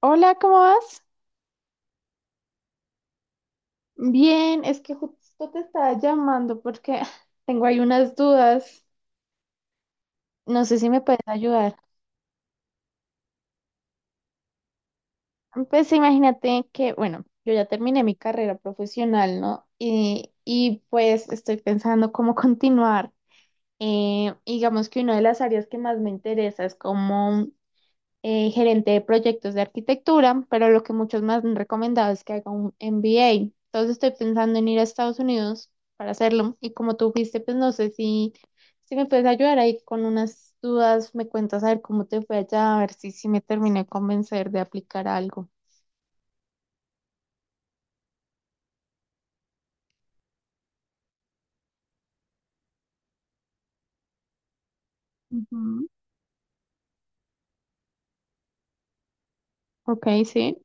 Hola, ¿cómo vas? Bien, es que justo te estaba llamando porque tengo ahí unas dudas. No sé si me puedes ayudar. Pues imagínate que, bueno, yo ya terminé mi carrera profesional, ¿no? Pues estoy pensando cómo continuar. Digamos que una de las áreas que más me interesa es como gerente de proyectos de arquitectura, pero lo que muchos me han recomendado es que haga un MBA. Entonces estoy pensando en ir a Estados Unidos para hacerlo y como tú fuiste, pues no sé si me puedes ayudar ahí con unas dudas, me cuentas a ver cómo te fue allá, a ver si me terminé de convencer de aplicar algo. Ujú. Ok, sí,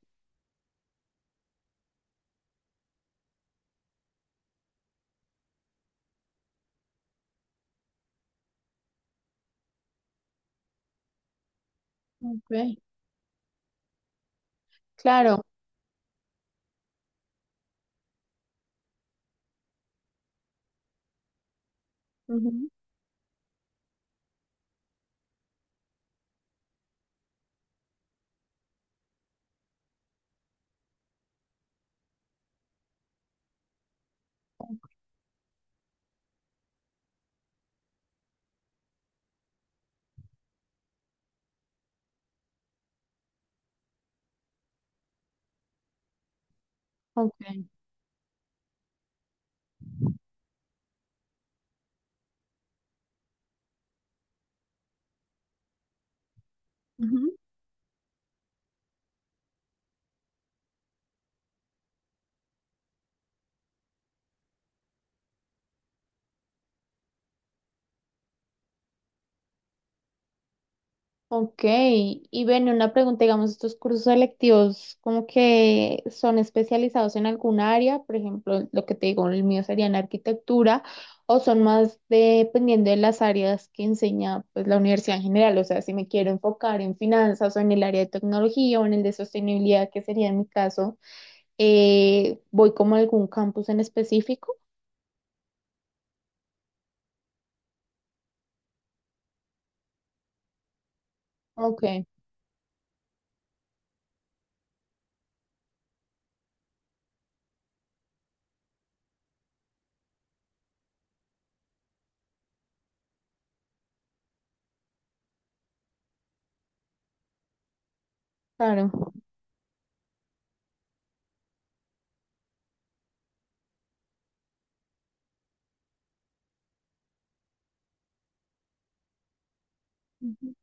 ok, claro. Ujú. Ok. Ujú. Ok, y bueno, una pregunta, digamos, estos cursos selectivos, ¿como que son especializados en alguna área? Por ejemplo, lo que te digo, el mío sería en arquitectura, o son más dependiendo de las áreas que enseña pues la universidad en general, o sea, si me quiero enfocar en finanzas o en el área de tecnología o en el de sostenibilidad, que sería en mi caso, voy como a algún campus en específico. Ok, claro. Ujú.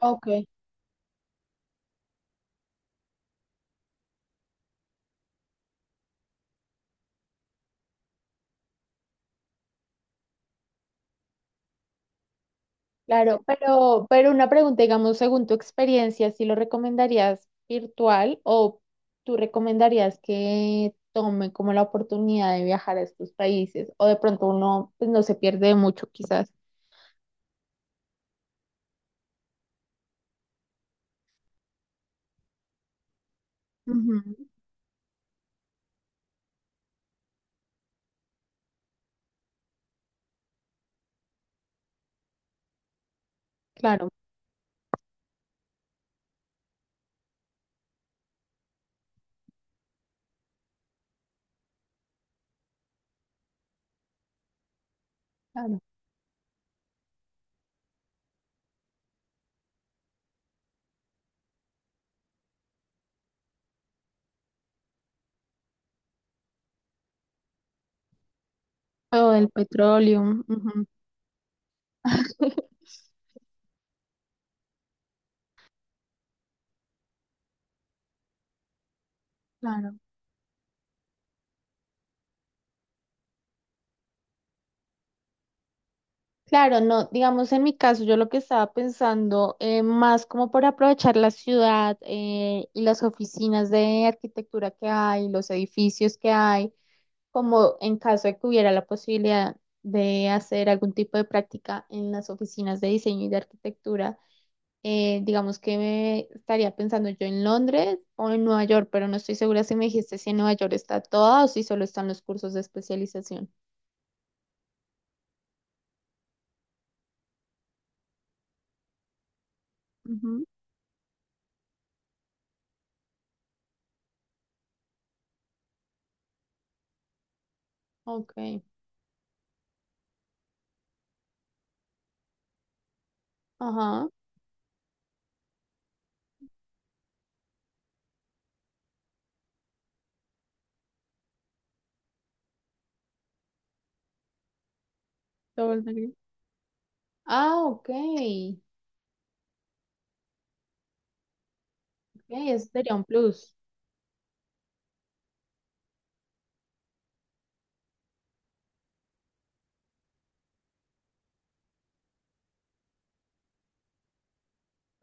Ok. Claro, pero una pregunta, digamos, según tu experiencia, ¿si lo recomendarías virtual o tú recomendarías que tome como la oportunidad de viajar a estos países? O de pronto uno pues, no se pierde mucho, quizás. Ujú. Claro, claro. O del petróleo. Ujú. Claro. Claro, no, digamos en mi caso, yo lo que estaba pensando más como por aprovechar la ciudad y las oficinas de arquitectura que hay, los edificios que hay, como en caso de que hubiera la posibilidad de hacer algún tipo de práctica en las oficinas de diseño y de arquitectura, digamos que me estaría pensando yo en Londres o en Nueva York, pero no estoy segura si me dijiste si en Nueva York está toda o si solo están los cursos de especialización. Ujú. Ok, ajá. Todo el negro. Ah, ok. Ok, eso sería un plus.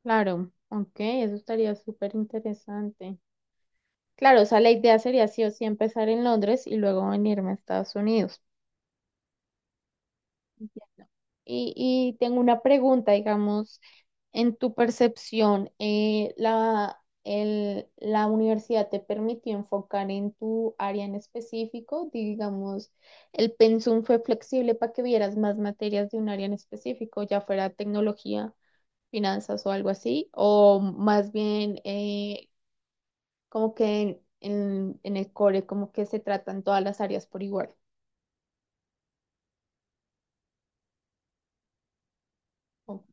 Claro, ok, eso estaría súper interesante. Claro, o sea, la idea sería sí o sí empezar en Londres y luego venirme a Estados Unidos. Ya. Y tengo una pregunta, digamos, en tu percepción, la universidad te permitió enfocar en tu área en específico, digamos, el pensum fue flexible para que vieras más materias de un área en específico, ya fuera tecnología, finanzas o algo así, o más bien como que en el core, como que se tratan todas las áreas por igual. O-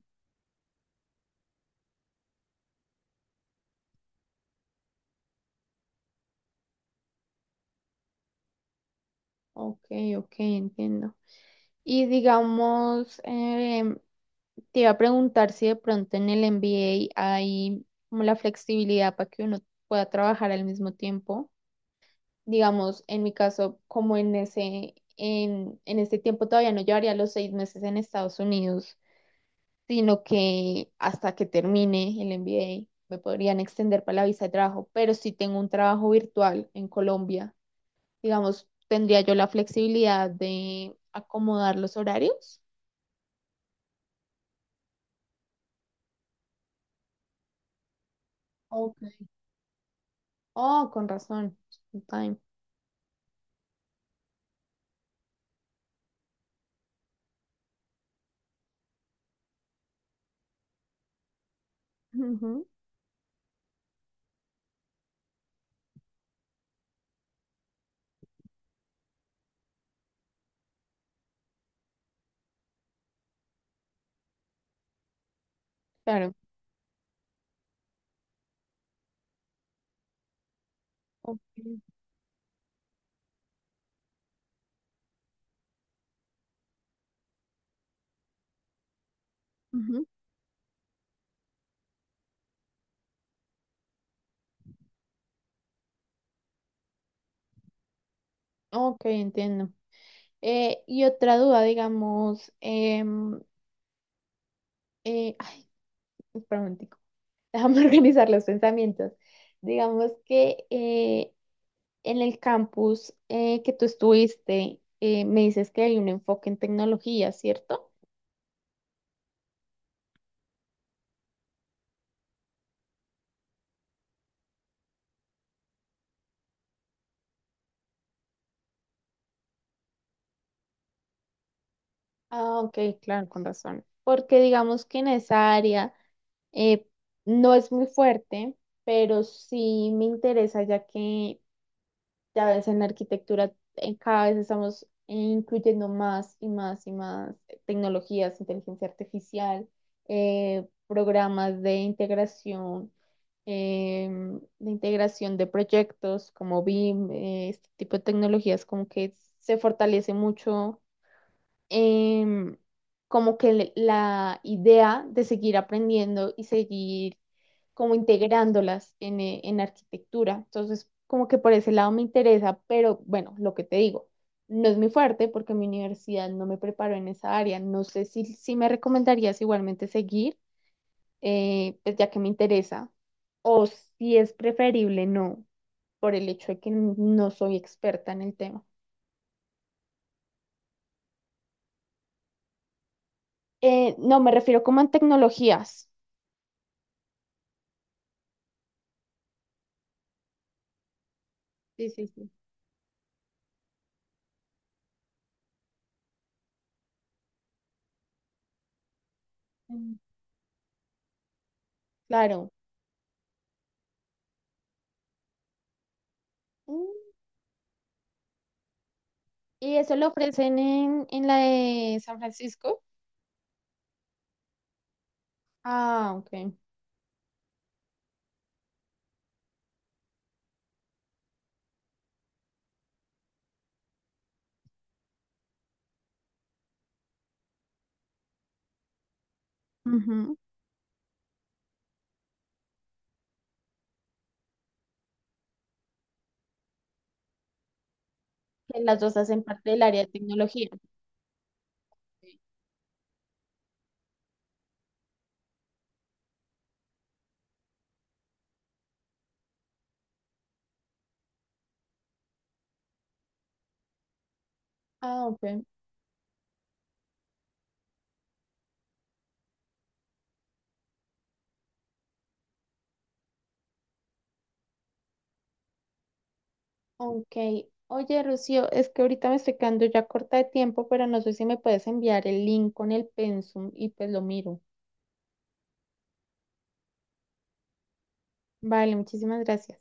ok, ok, entiendo. Y digamos, te iba a preguntar si de pronto en el MBA hay como la flexibilidad para que uno pueda trabajar al mismo tiempo. Digamos, en mi caso, como en este tiempo todavía no llevaría los seis meses en Estados Unidos, sino que hasta que termine el MBA me podrían extender para la visa de trabajo, pero si tengo un trabajo virtual en Colombia, digamos, tendría yo la flexibilidad de acomodar los horarios. Ok. Oh, con razón. Time. Ujú. Claro. Ok, ujú. Ok, entiendo. Y otra duda, digamos, ay, espera un momentico. Déjame organizar los pensamientos. Digamos que en el campus que tú estuviste, me dices que hay un enfoque en tecnología, ¿cierto? Ah, ok, claro, con razón. Porque digamos que en esa área eh, no es muy fuerte, pero sí me interesa ya que ya ves en la arquitectura cada vez estamos incluyendo más y más y más tecnologías, inteligencia artificial, programas de integración, de integración de proyectos como BIM, este tipo de tecnologías como que se fortalece mucho em, la idea de seguir aprendiendo y seguir como integrándolas en arquitectura. Entonces, como que por ese lado me interesa, pero bueno, lo que te digo, no es muy fuerte porque mi universidad no me preparó en esa área. No sé si me recomendarías igualmente seguir, pues ya que me interesa, o si es preferible no, por el hecho de que no soy experta en el tema. No, me refiero como en tecnologías. Sí, sí, sí. Mm. Claro. Mm. Y eso lo ofrecen en la de San Francisco. Ah, ok. Ujú. Que las dos hacen parte del área de tecnología. Ok. Ah, ok. Ok. Oye, Rocío, es que ahorita me estoy quedando ya corta de tiempo, pero no sé si me puedes enviar el link con el pensum y pues lo miro. Vale, muchísimas gracias.